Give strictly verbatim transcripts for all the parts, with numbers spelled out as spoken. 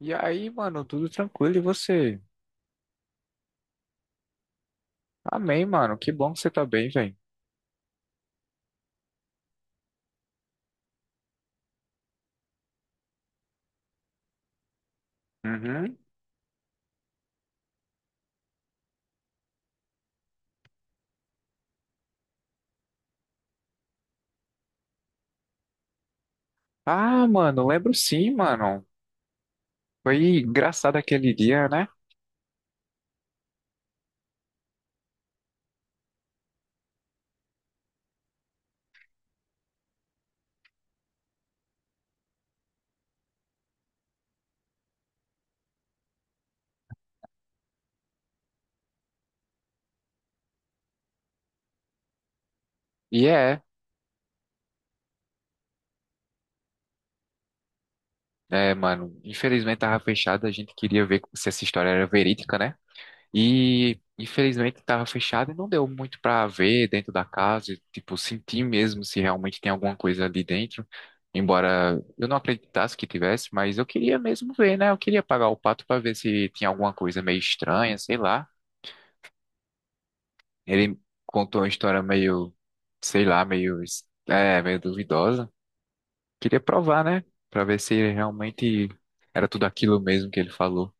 E aí, mano, tudo tranquilo e você? Amém, mano. Que bom que você tá bem, velho. Uhum. Ah, mano, lembro sim, mano. Foi engraçado aquele dia, né? E é, é, mano. Infelizmente tava fechado, a gente queria ver se essa história era verídica, né? E infelizmente estava fechado e não deu muito para ver dentro da casa, e, tipo, sentir mesmo se realmente tem alguma coisa ali dentro. Embora eu não acreditasse que tivesse, mas eu queria mesmo ver, né? Eu queria pagar o pato para ver se tinha alguma coisa meio estranha, sei lá. Ele contou uma história meio, sei lá, meio, es- é, meio duvidosa. Queria provar, né? Para ver se realmente era tudo aquilo mesmo que ele falou.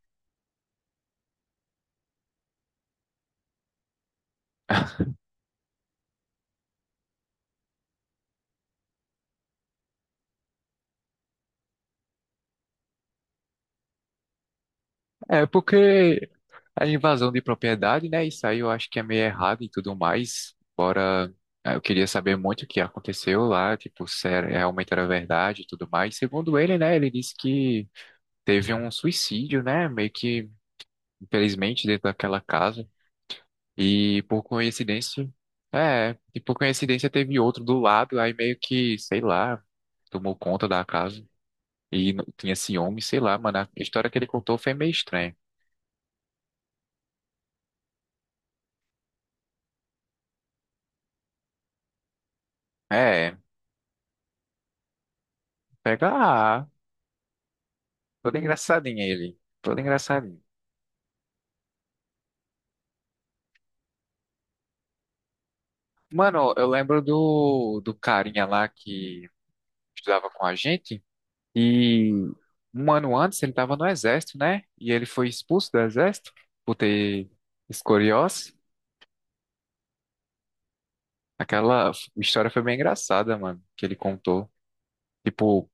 É, porque a invasão de propriedade, né? Isso aí eu acho que é meio errado e tudo mais. Bora, eu queria saber muito o que aconteceu lá, tipo, se era- realmente era verdade e tudo mais. Segundo ele, né? Ele disse que teve um suicídio, né? Meio que, infelizmente, dentro daquela casa. E por coincidência, é, e por coincidência teve outro do lado, aí meio que, sei lá, tomou conta da casa. E não- tinha ciúme, sei lá, mano. A história que ele contou foi meio estranha. É, pega. Todo engraçadinho ele. Todo engraçadinho. Mano, eu lembro do, do carinha lá que estudava com a gente. E um ano antes ele tava no exército, né? E ele foi expulso do exército por ter escoliose. Aquela história foi bem engraçada, mano, que ele contou. Tipo,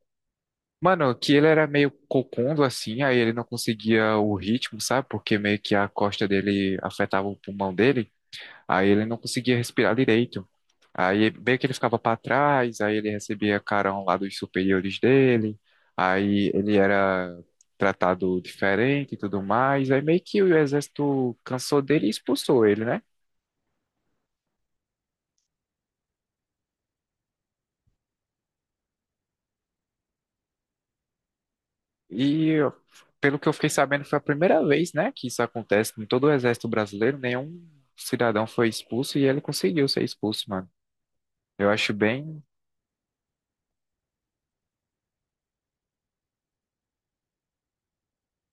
mano, que ele era meio cocundo assim, aí ele não conseguia o ritmo, sabe? Porque meio que a costa dele afetava o pulmão dele. Aí ele não conseguia respirar direito. Aí meio que ele ficava para trás, aí ele recebia carão lá dos superiores dele, aí ele era tratado diferente e tudo mais, aí meio que o exército cansou dele e expulsou ele, né? E pelo que eu fiquei sabendo, foi a primeira vez, né, que isso acontece em todo o exército brasileiro, nenhum cidadão foi expulso e ele conseguiu ser expulso, mano. Eu acho bem,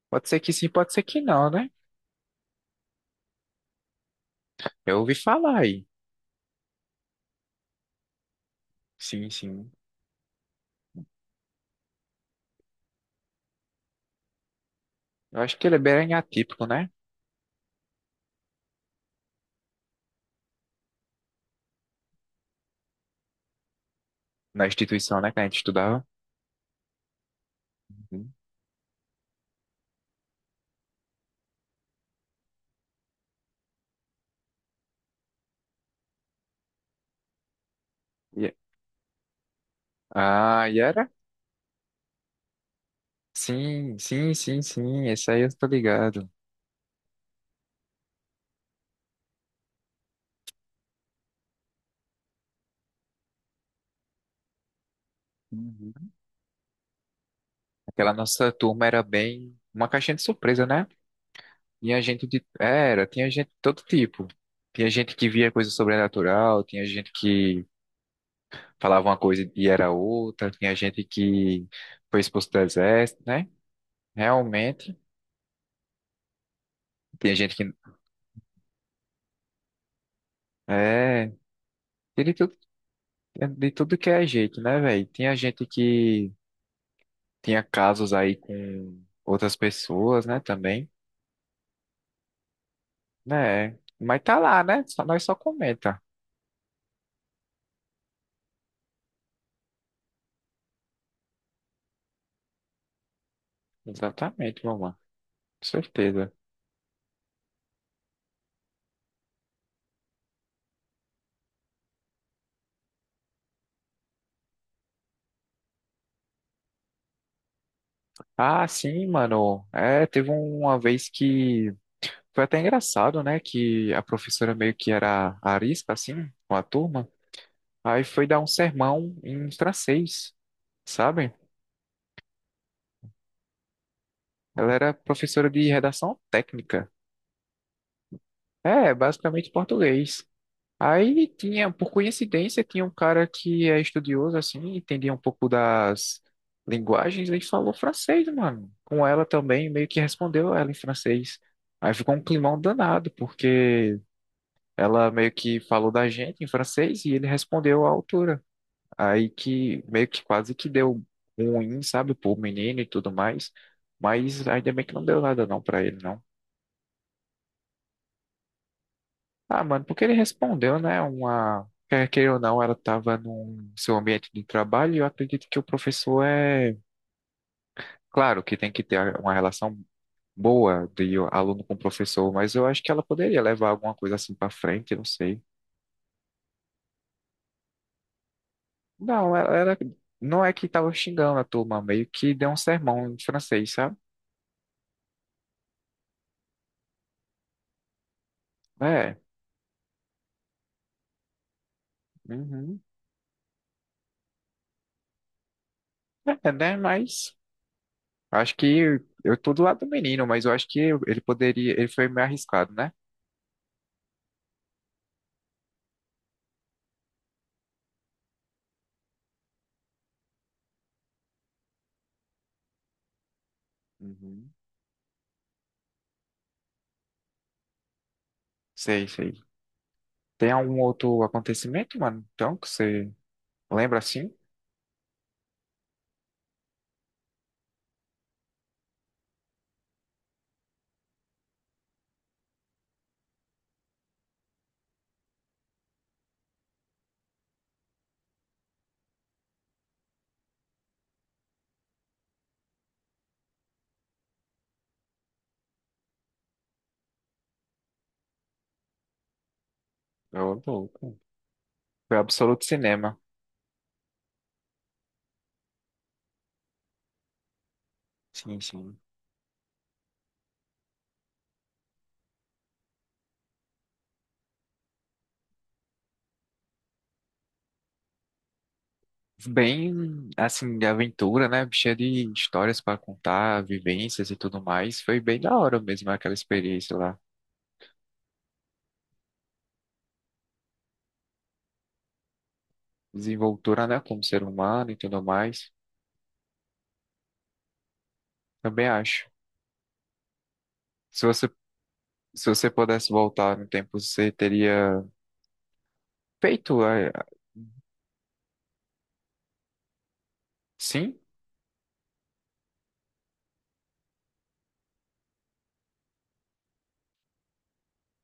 pode ser que sim, pode ser que não, né? Eu ouvi falar aí. Sim, sim. Eu acho que ele é bem atípico, né? Na instituição, né, que a gente estudava. Hum? Ye- Ah, Yara? Sim, sim, sim, sim. Esse aí eu tô ligado. Uhum. Aquela nossa turma era bem uma caixinha de surpresa, né? Tinha gente de. Era, tinha gente de todo tipo. Tinha gente que via coisa sobrenatural, tinha gente que falava uma coisa e era outra, tinha gente que foi expulso do exército, né? Realmente. Tinha gente que. É, tinha. De tudo, de tudo que é jeito, né, velho? Tinha gente que. Tinha casos aí com outras pessoas, né, também, né? Mas tá lá, né? Só, nós só comenta. Exatamente, meu mano. Com certeza. Ah, sim, mano. É, teve uma vez que foi até engraçado, né? Que a professora meio que era arisca, assim, com a turma. Aí foi dar um sermão em francês, sabe? Ela era professora de redação técnica. É, basicamente português. Aí tinha, por coincidência, tinha um cara que é estudioso, assim, entendia um pouco das linguagens, ele falou francês, mano. Com ela também, meio que respondeu ela em francês. Aí ficou um climão danado, porque ela meio que falou da gente em francês e ele respondeu à altura. Aí que meio que quase que deu ruim, sabe, pro menino e tudo mais. Mas ainda bem que não deu nada não pra ele, não. Ah, mano, porque ele respondeu, né? Uma. Quer queira ou não, ela estava no seu ambiente de trabalho e eu acredito que o professor é. Claro que tem que ter uma relação boa de aluno com professor, mas eu acho que ela poderia levar alguma coisa assim pra frente, não sei. Não, ela, ela- não é que tava xingando a turma, meio que deu um sermão em francês, sabe? É, uhum. É, né? Mas acho que eu tô do lado do menino, mas eu acho que ele poderia. Ele foi meio arriscado, né? Uhum. Sei, sei. Tem algum outro acontecimento, mano? Então, que você lembra assim? Eu louco. Foi absoluto cinema. Sim, sim. Bem, assim, de aventura, né? Cheia de histórias pra contar, vivências e tudo mais. Foi bem da hora mesmo aquela experiência lá. Desenvoltura, né? Como ser humano e tudo mais. Também acho. Se você, se você pudesse voltar no tempo, você teria feito, eh, sim?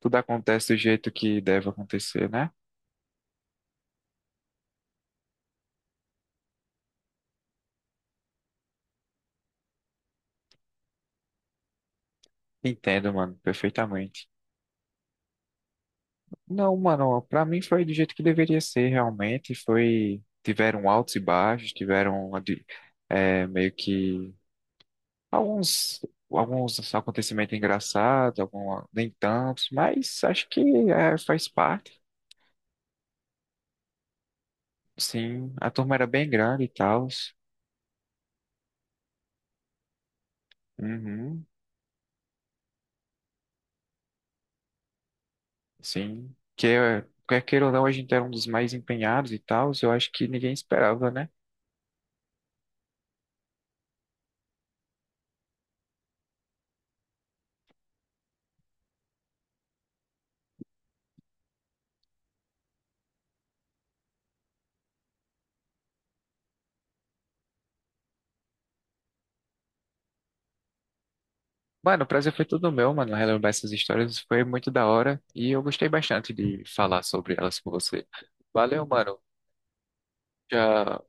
Tudo acontece do jeito que deve acontecer, né? Entendo, mano, perfeitamente. Não, mano, pra mim foi do jeito que deveria ser, realmente. Foi, tiveram altos e baixos, tiveram adi- é, meio que alguns, alguns acontecimentos engraçados, algum, nem tantos, mas acho que é, faz parte. Sim, a turma era bem grande e tal. Uhum, sim. Que, é- quer queira ou não, a gente era um dos mais empenhados e tal. Eu acho que ninguém esperava, né? Mano, o prazer foi todo meu, mano. Relembrar essas histórias foi muito da hora e eu gostei bastante de falar sobre elas com você. Valeu, mano. Já